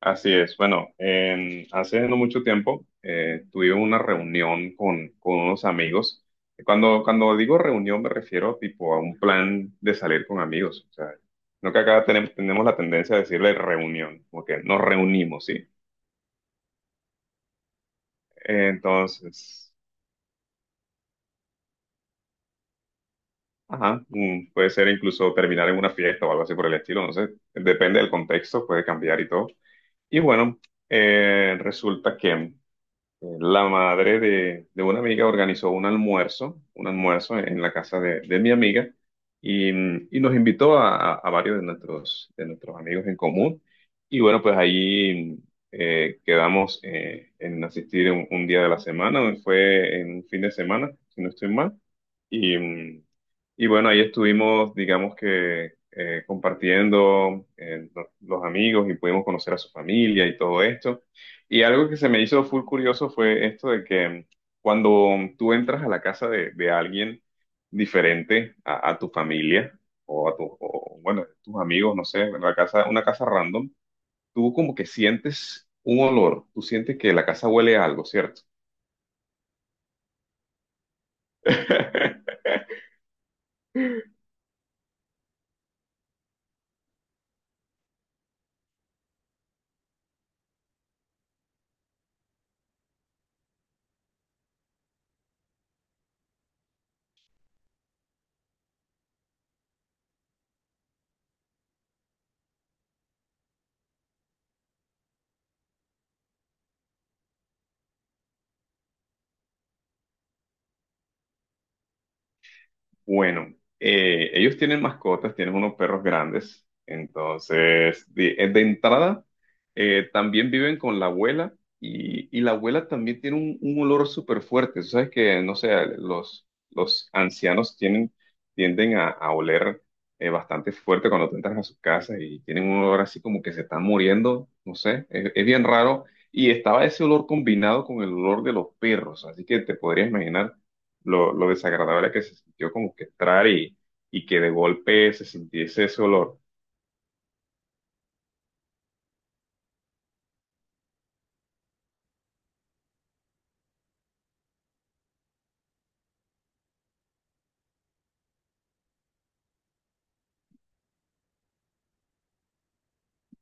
Así es. Bueno, hace no mucho tiempo tuve una reunión con unos amigos. Cuando digo reunión me refiero tipo a un plan de salir con amigos. O sea, no que acá tenemos, tenemos la tendencia a decirle reunión, como que nos reunimos, ¿sí? Entonces, ajá, puede ser incluso terminar en una fiesta o algo así por el estilo, no sé. Depende del contexto, puede cambiar y todo. Y bueno, resulta que la madre de una amiga organizó un almuerzo en la casa de mi amiga y nos invitó a varios de nuestros amigos en común. Y bueno, pues ahí quedamos en asistir un día de la semana, fue en un fin de semana, si no estoy mal. Y, mm, y bueno, ahí estuvimos, digamos que compartiendo los amigos y pudimos conocer a su familia y todo esto. Y algo que se me hizo full curioso fue esto de que cuando tú entras a la casa de, alguien diferente a tu familia o a tu, o, bueno, tus amigos, no sé, una casa random, tú como que sientes un olor, tú sientes que la casa huele a algo, ¿cierto? Bueno, ellos tienen mascotas, tienen unos perros grandes, entonces de entrada también viven con la abuela y la abuela también tiene un olor súper fuerte. Tú sabes que, no sé, los ancianos tienen, tienden a oler bastante fuerte cuando tú entras a sus casas y tienen un olor así como que se están muriendo, no sé, es bien raro. Y estaba ese olor combinado con el olor de los perros, así que te podrías imaginar lo desagradable que se sintió como que entrar y que de golpe se sintiese ese olor.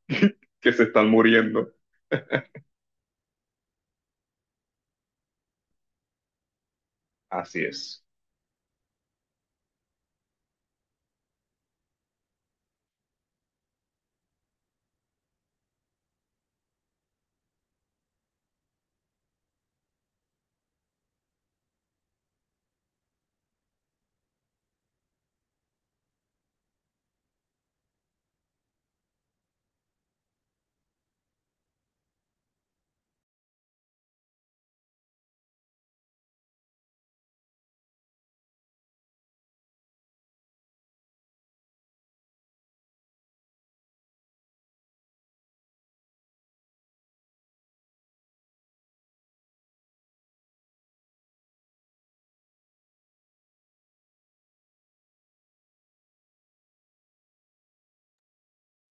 Que se están muriendo. Así es.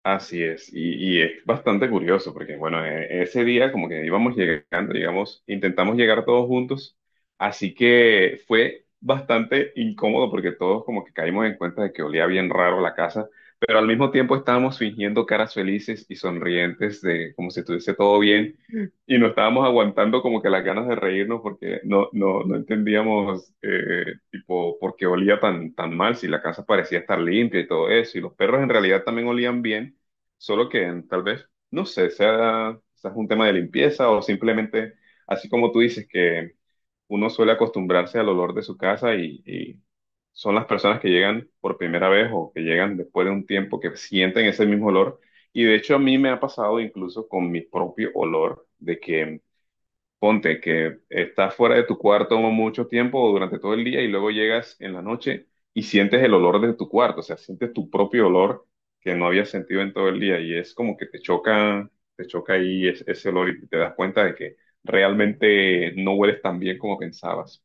Así es, y es bastante curioso porque, bueno, ese día como que íbamos llegando, digamos intentamos llegar todos juntos, así que fue bastante incómodo porque todos como que caímos en cuenta de que olía bien raro la casa, pero al mismo tiempo estábamos fingiendo caras felices y sonrientes de como si estuviese todo bien y no estábamos aguantando como que las ganas de reírnos porque no entendíamos tipo por qué olía tan, tan mal si la casa parecía estar limpia y todo eso y los perros en realidad también olían bien. Solo que tal vez, no sé, sea quizás un tema de limpieza o simplemente, así como tú dices, que uno suele acostumbrarse al olor de su casa y son las personas que llegan por primera vez o que llegan después de un tiempo que sienten ese mismo olor. Y de hecho a mí me ha pasado incluso con mi propio olor, de que ponte que estás fuera de tu cuarto mucho tiempo o durante todo el día y luego llegas en la noche y sientes el olor de tu cuarto, o sea, sientes tu propio olor que no habías sentido en todo el día y es como que te choca ahí ese olor y te das cuenta de que realmente no hueles tan bien como pensabas.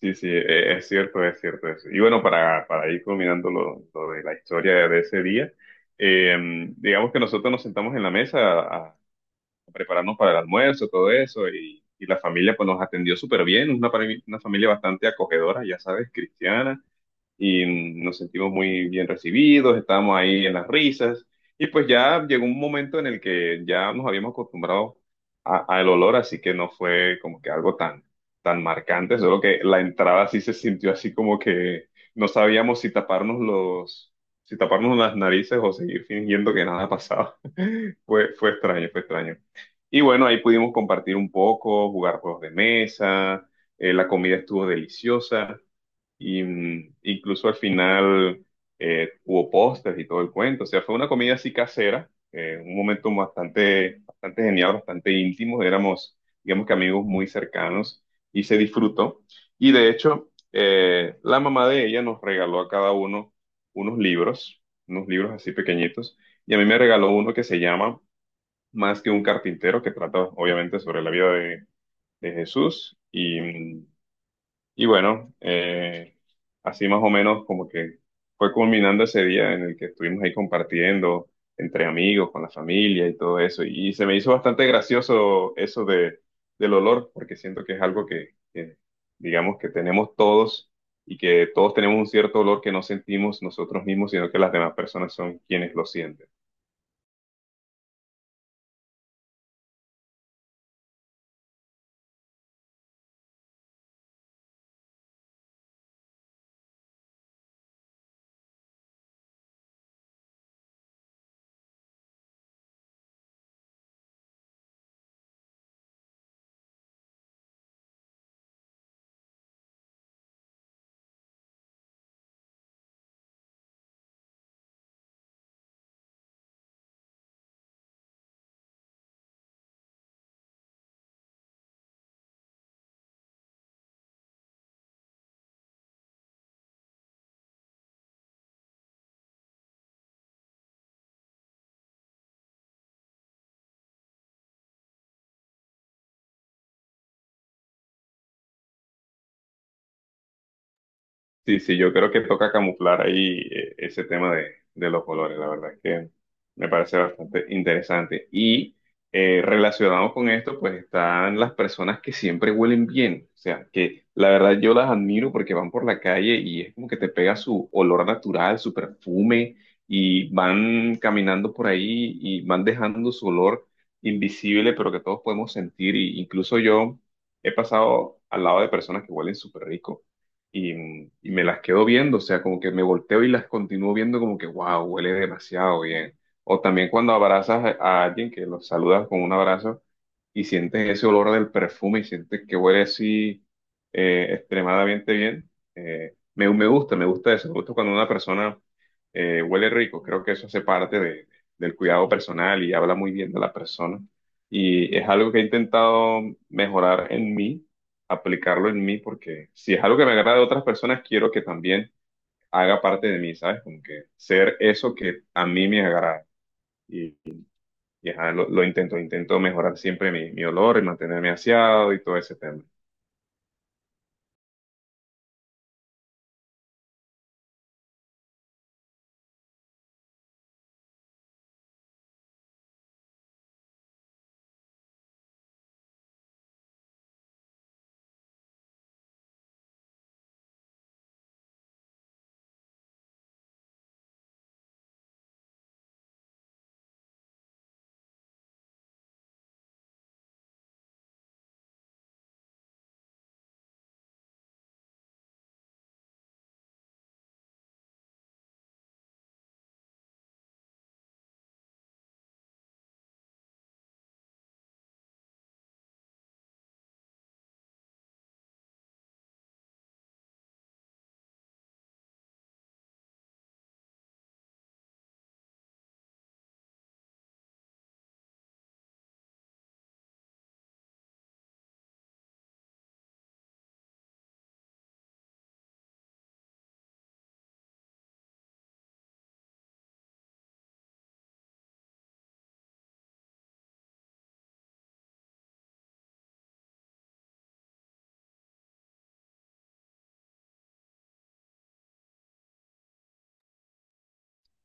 Sí, sí, es cierto eso. Y bueno, para ir culminando lo de la historia de ese día, eh, digamos que nosotros nos sentamos en la mesa a prepararnos para el almuerzo, todo eso, y la familia pues nos atendió súper bien, una, una familia bastante acogedora, ya sabes, cristiana y nos sentimos muy bien recibidos, estábamos ahí en las risas y pues ya llegó un momento en el que ya nos habíamos acostumbrado al olor, así que no fue como que algo tan, tan marcante, solo que la entrada sí se sintió así como que no sabíamos si taparnos los, si taparnos las narices o seguir fingiendo que nada pasaba. Fue, fue extraño, fue extraño. Y bueno, ahí pudimos compartir un poco, jugar juegos de mesa, la comida estuvo deliciosa. Incluso al final hubo postres y todo el cuento. O sea, fue una comida así casera, un momento bastante, bastante genial, bastante íntimo. Éramos, digamos que amigos muy cercanos y se disfrutó. Y de hecho, la mamá de ella nos regaló a cada uno unos libros así pequeñitos. Y a mí me regaló uno que se llama Más que un carpintero, que trata obviamente sobre la vida de Jesús. Y bueno, así más o menos como que fue culminando ese día en el que estuvimos ahí compartiendo entre amigos, con la familia y todo eso. Y se me hizo bastante gracioso eso de, del olor, porque siento que es algo que, digamos, que tenemos todos y que todos tenemos un cierto olor que no sentimos nosotros mismos, sino que las demás personas son quienes lo sienten. Sí, sí, yo creo que toca camuflar ahí ese tema de los colores, la verdad es que me parece bastante interesante. Y relacionado con esto, pues están las personas que siempre huelen bien, o sea, que la verdad yo las admiro porque van por la calle y es como que te pega su olor natural, su perfume, y van caminando por ahí y van dejando su olor invisible, pero que todos podemos sentir, y incluso yo he pasado al lado de personas que huelen súper rico y, y me las quedo viendo, o sea, como que me volteo y las continúo viendo como que, wow, huele demasiado bien. O también cuando abrazas a alguien que los saludas con un abrazo y sientes ese olor del perfume y sientes que huele así extremadamente bien. Me gusta eso, me gusta cuando una persona huele rico, creo que eso hace parte del cuidado personal y habla muy bien de la persona. Y es algo que he intentado mejorar en mí, aplicarlo en mí, porque si es algo que me agrada de otras personas, quiero que también haga parte de mí, ¿sabes? Como que ser eso que a mí me agrada. Y ajá, lo intento, intento mejorar siempre mi, mi olor y mantenerme aseado y todo ese tema.